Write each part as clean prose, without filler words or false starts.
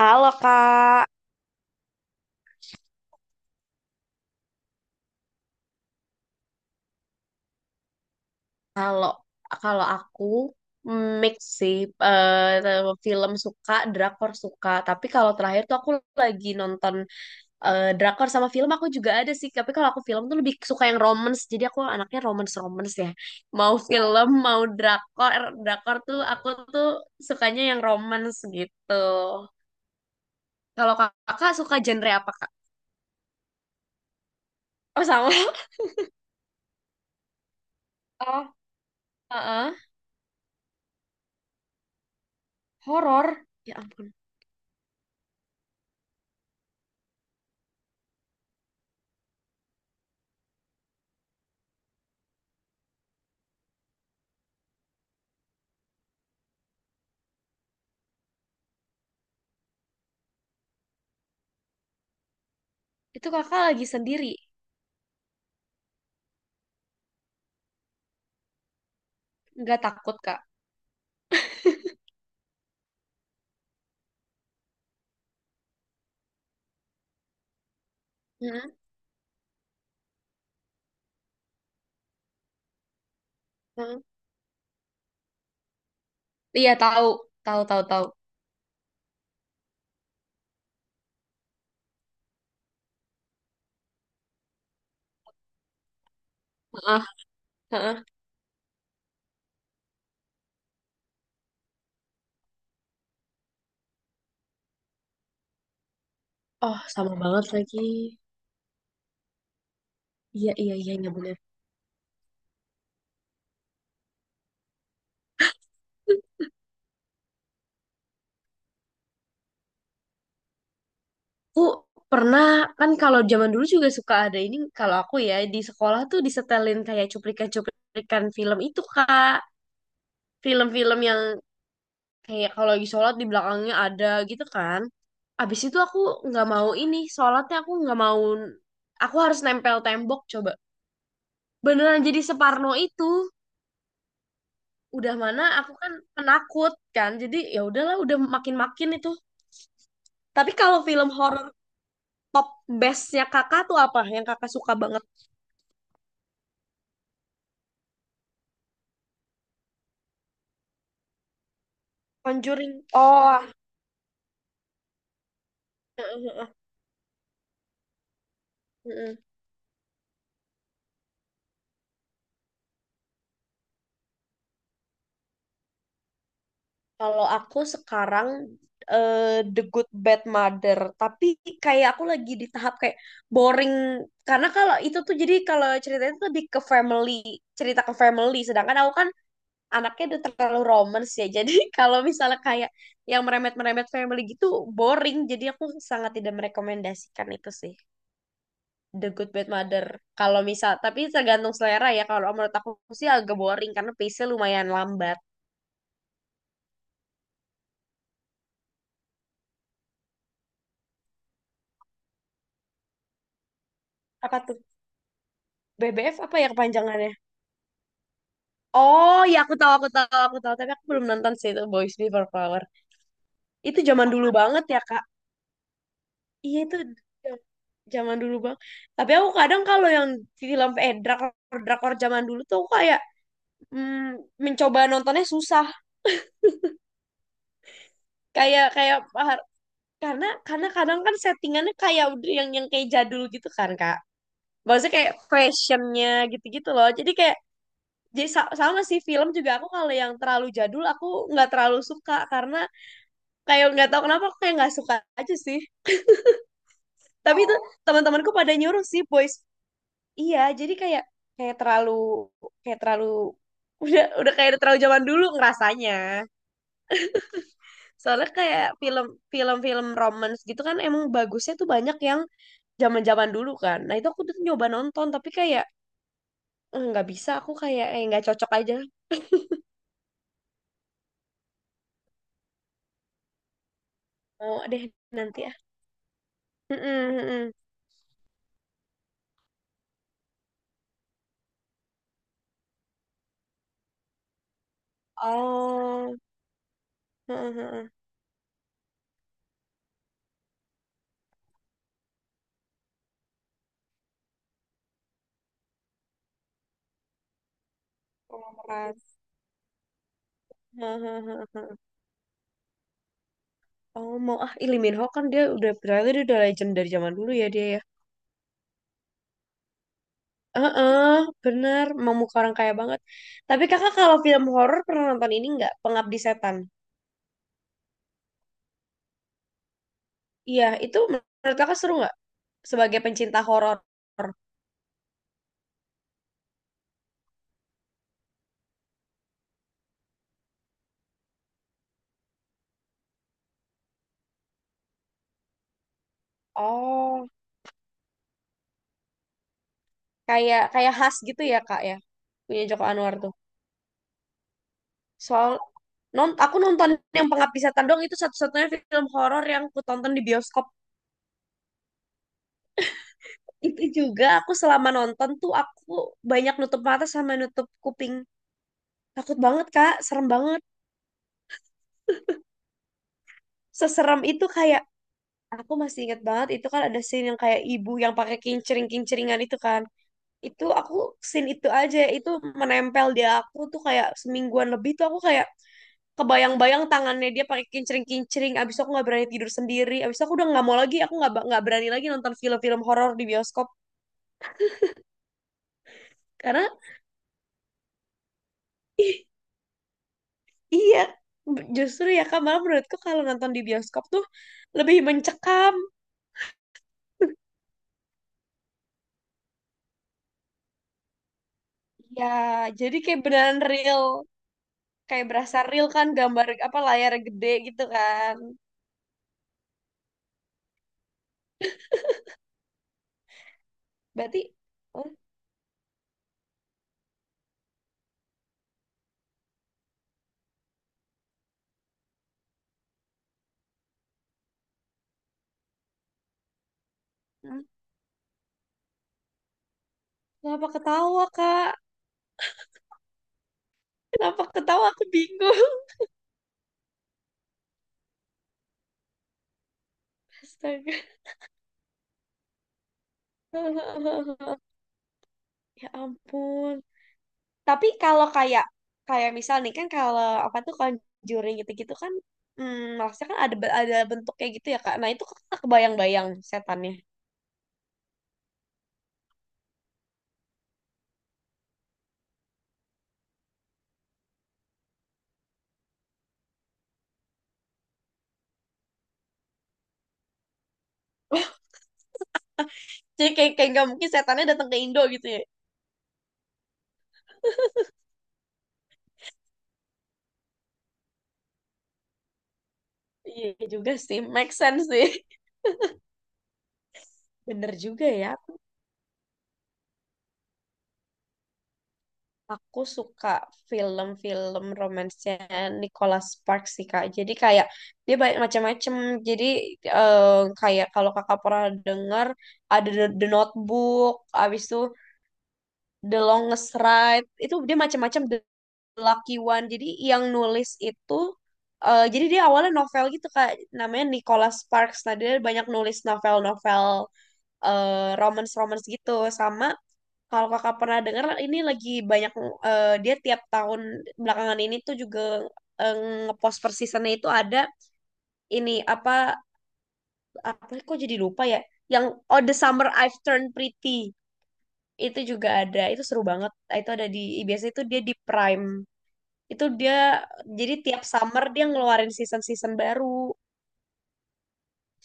Halo Kak. Kalau kalau aku mix sih, film suka, drakor suka. Tapi kalau terakhir tuh aku lagi nonton drakor, sama film aku juga ada sih. Tapi kalau aku film tuh lebih suka yang romance. Jadi aku anaknya romance romance ya. Mau film mau drakor. Drakor tuh aku tuh sukanya yang romance gitu. Kalau kakak suka genre apa kak? Oh sama. Oh, heeh. Horor. Ya ampun. Itu kakak lagi sendiri, nggak takut kak? Heeh, heeh. Iya tahu, tahu, tahu, tahu. Heeh, heeh. Oh, sama banget lagi. Iya, iya, iya, iya bener. Aku pernah, kan kalau zaman dulu juga suka ada ini, kalau aku ya, di sekolah tuh disetelin kayak cuplikan-cuplikan film itu, Kak. Film-film yang kayak kalau lagi sholat di belakangnya ada gitu kan. Abis itu aku nggak mau ini, sholatnya aku nggak mau, aku harus nempel tembok coba. Beneran jadi separno itu. Udah mana aku kan penakut kan, jadi ya udahlah udah makin-makin itu. Tapi kalau film horor top bestnya kakak tuh apa yang kakak suka banget? Conjuring. Oh. Mm-mm. Kalau aku sekarang, eh, The Good Bad Mother, tapi kayak aku lagi di tahap kayak boring karena kalau itu tuh, jadi kalau ceritanya tuh lebih ke family, cerita ke family. Sedangkan aku kan anaknya udah terlalu romance ya. Jadi kalau misalnya kayak yang meremet-meremet family gitu boring. Jadi aku sangat tidak merekomendasikan itu sih. The Good Bad Mother. Kalau misal, tapi tergantung selera ya. Kalau menurut aku sih agak boring karena pace-nya lumayan lambat. Apa tuh? BBF apa ya kepanjangannya? Oh ya aku tahu, aku tahu, aku tahu, tapi aku belum nonton sih itu Boys Before Flower. Itu zaman dulu banget ya Kak. Iya itu j- zaman dulu bang. Tapi aku kadang kalau yang film, drakor, zaman dulu tuh aku kayak mencoba nontonnya susah. Kayak kayak, karena kadang kan settingannya kayak udah yang kayak jadul gitu kan kak, maksudnya kayak fashionnya gitu-gitu loh. Jadi sama sih film juga aku kalau yang terlalu jadul aku nggak terlalu suka karena kayak nggak tahu kenapa aku kayak nggak suka aja sih. Tapi itu teman-temanku pada nyuruh sih boys, iya jadi kayak kayak terlalu, udah kayak terlalu zaman dulu ngerasanya. Soalnya kayak film-film romance gitu kan emang bagusnya tuh banyak yang zaman-zaman dulu kan. Nah, itu aku tuh nyoba nonton tapi kayak, "Eh, nggak bisa aku kayak eh nggak cocok aja." Mau deh nanti ya. Mm-mm, mm-mm. Oh, heeh, heeh. Pemeran. Heeh, heeh, heeh. Oh, mau ah Lee Min Ho. Kan dia udah berarti dia udah legend dari zaman dulu ya dia ya. Heeh, benar, mau muka orang kaya banget. Tapi kakak kalau film horor pernah nonton ini nggak? Pengabdi Setan. Iya, itu menurut kakak seru nggak, sebagai pencinta horor? Oh. Kayak kayak khas gitu ya, Kak ya. Punya Joko Anwar tuh. Soal aku nonton yang Pengabdi Setan doang, itu satu-satunya film horor yang aku tonton di bioskop. Itu juga aku selama nonton tuh aku banyak nutup mata sama nutup kuping. Takut banget, Kak. Serem banget. Seserem itu kayak aku masih ingat banget itu kan ada scene yang kayak ibu yang pakai kincering-kinceringan itu kan. Itu scene itu aja itu menempel di aku tuh kayak semingguan lebih, tuh aku kayak kebayang-bayang tangannya dia pakai kincring-kincring. Abis itu aku nggak berani tidur sendiri. Abis itu aku udah nggak mau lagi, aku nggak berani lagi nonton film-film horor di bioskop karena, ih, iya, justru ya kak, malah menurutku kalau nonton di bioskop tuh lebih mencekam. Ya jadi kayak beneran real, kayak berasa real kan, gambar apa layar gede gitu kan. Berarti oh, hmm, kenapa ketawa kak, kenapa ketawa aku bingung. Astaga. Ya ampun. Tapi kalau kayak kayak misal nih kan, kalau apa tuh Conjuring gitu-gitu kan, maksudnya kan ada bentuk kayak gitu ya Kak. Nah, itu Kakak kebayang-bayang setannya. Jadi kayak kayak nggak mungkin setannya datang ke Indo gitu ya. Iya juga sih, make sense sih. Bener juga ya. Aku suka film-film romansnya Nicholas Sparks sih Kak. Jadi kayak dia banyak macam-macam. Jadi kayak kalau Kakak pernah dengar ada The Notebook, abis itu The Longest Ride, itu dia macam-macam, The Lucky One, jadi yang nulis itu, jadi dia awalnya novel gitu kak, namanya Nicholas Sparks. Nah dia banyak nulis novel-novel romance-romance gitu, sama kalau kakak pernah dengar ini lagi banyak, dia tiap tahun belakangan ini tuh juga, eh, ngepost per seasonnya itu ada ini apa, kok jadi lupa ya, yang, oh, The Summer I've Turned Pretty, itu juga ada, itu seru banget, itu ada di, biasanya itu dia di Prime, itu dia jadi tiap summer dia ngeluarin season-season baru,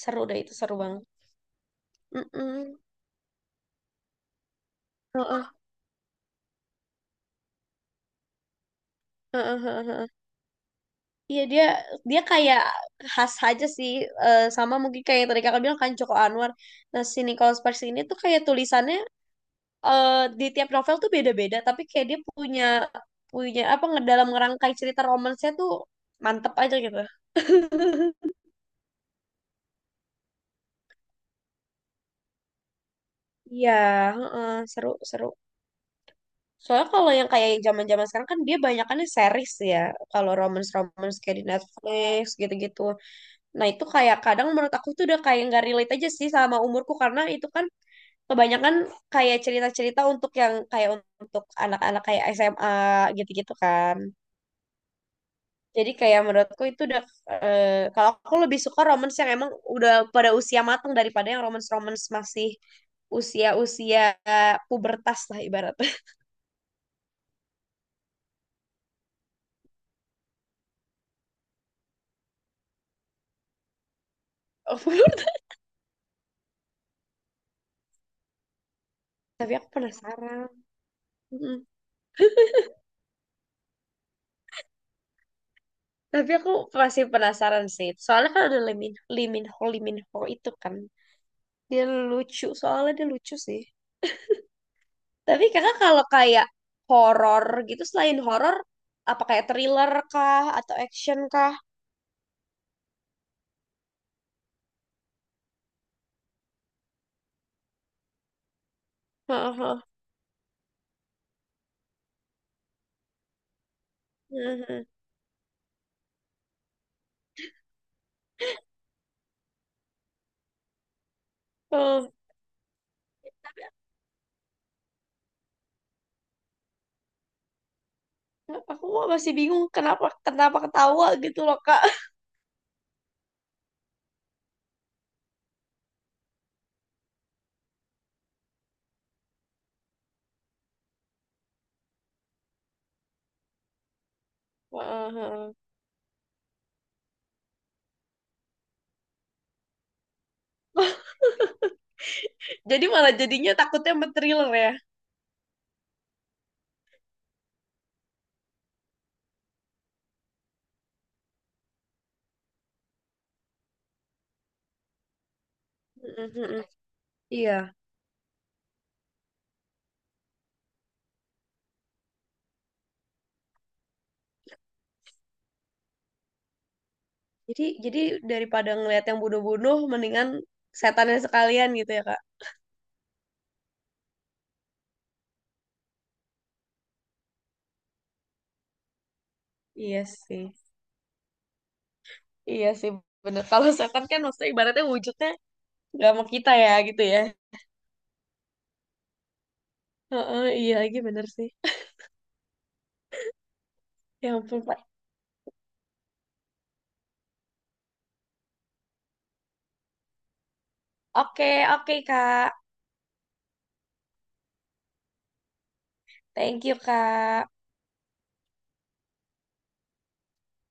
seru deh itu seru banget. Mm-mm. Heeh, heeh, heeh, heeh. Iya dia dia kayak khas aja sih, sama mungkin kayak yang tadi kakak bilang kan, Joko Anwar. Nah si Nicholas Sparks ini tuh kayak tulisannya, eh, di tiap novel tuh beda-beda, tapi kayak dia punya punya apa, ngedalam ngerangkai cerita romansnya tuh mantep aja gitu. Iya, heeh, seru seru. Soalnya kalau yang kayak zaman-zaman sekarang kan dia banyakannya series ya. Kalau romance-romance kayak di Netflix gitu-gitu. Nah, itu kayak kadang menurut aku tuh udah kayak nggak relate aja sih sama umurku, karena itu kan kebanyakan kayak cerita-cerita untuk yang kayak untuk anak-anak kayak SMA gitu-gitu kan. Jadi kayak menurutku itu udah, eh, kalau aku lebih suka romance yang emang udah pada usia matang, daripada yang romance-romance masih usia-usia pubertas lah ibarat. Oh, tapi aku penasaran. Mm-mm. Tapi aku masih penasaran sih. Soalnya kan ada Liminho Liminho itu kan. Dia lucu, soalnya dia lucu sih. Tapi kakak kalau kayak horor gitu selain horor apa kayak thriller kah atau action kah? Heeh. Heeh. Mm-hmm. Heeh. Aku mah masih bingung kenapa kenapa ketawa gitu loh Kak. Heeh. Heeh. Jadi malah jadinya takutnya sama thriller ya. Heeh. Heeh. Iya. Jadi daripada ngeliat yang bodoh-bodoh, mendingan setannya sekalian gitu ya, Kak. Iya sih. Iya sih, bener. Kalau setan kan maksudnya ibaratnya wujudnya nggak mau kita ya gitu ya. Heeh, iya lagi bener sih. Ya ampun, Pak. Oke, oke, Kak. Thank you, Kak.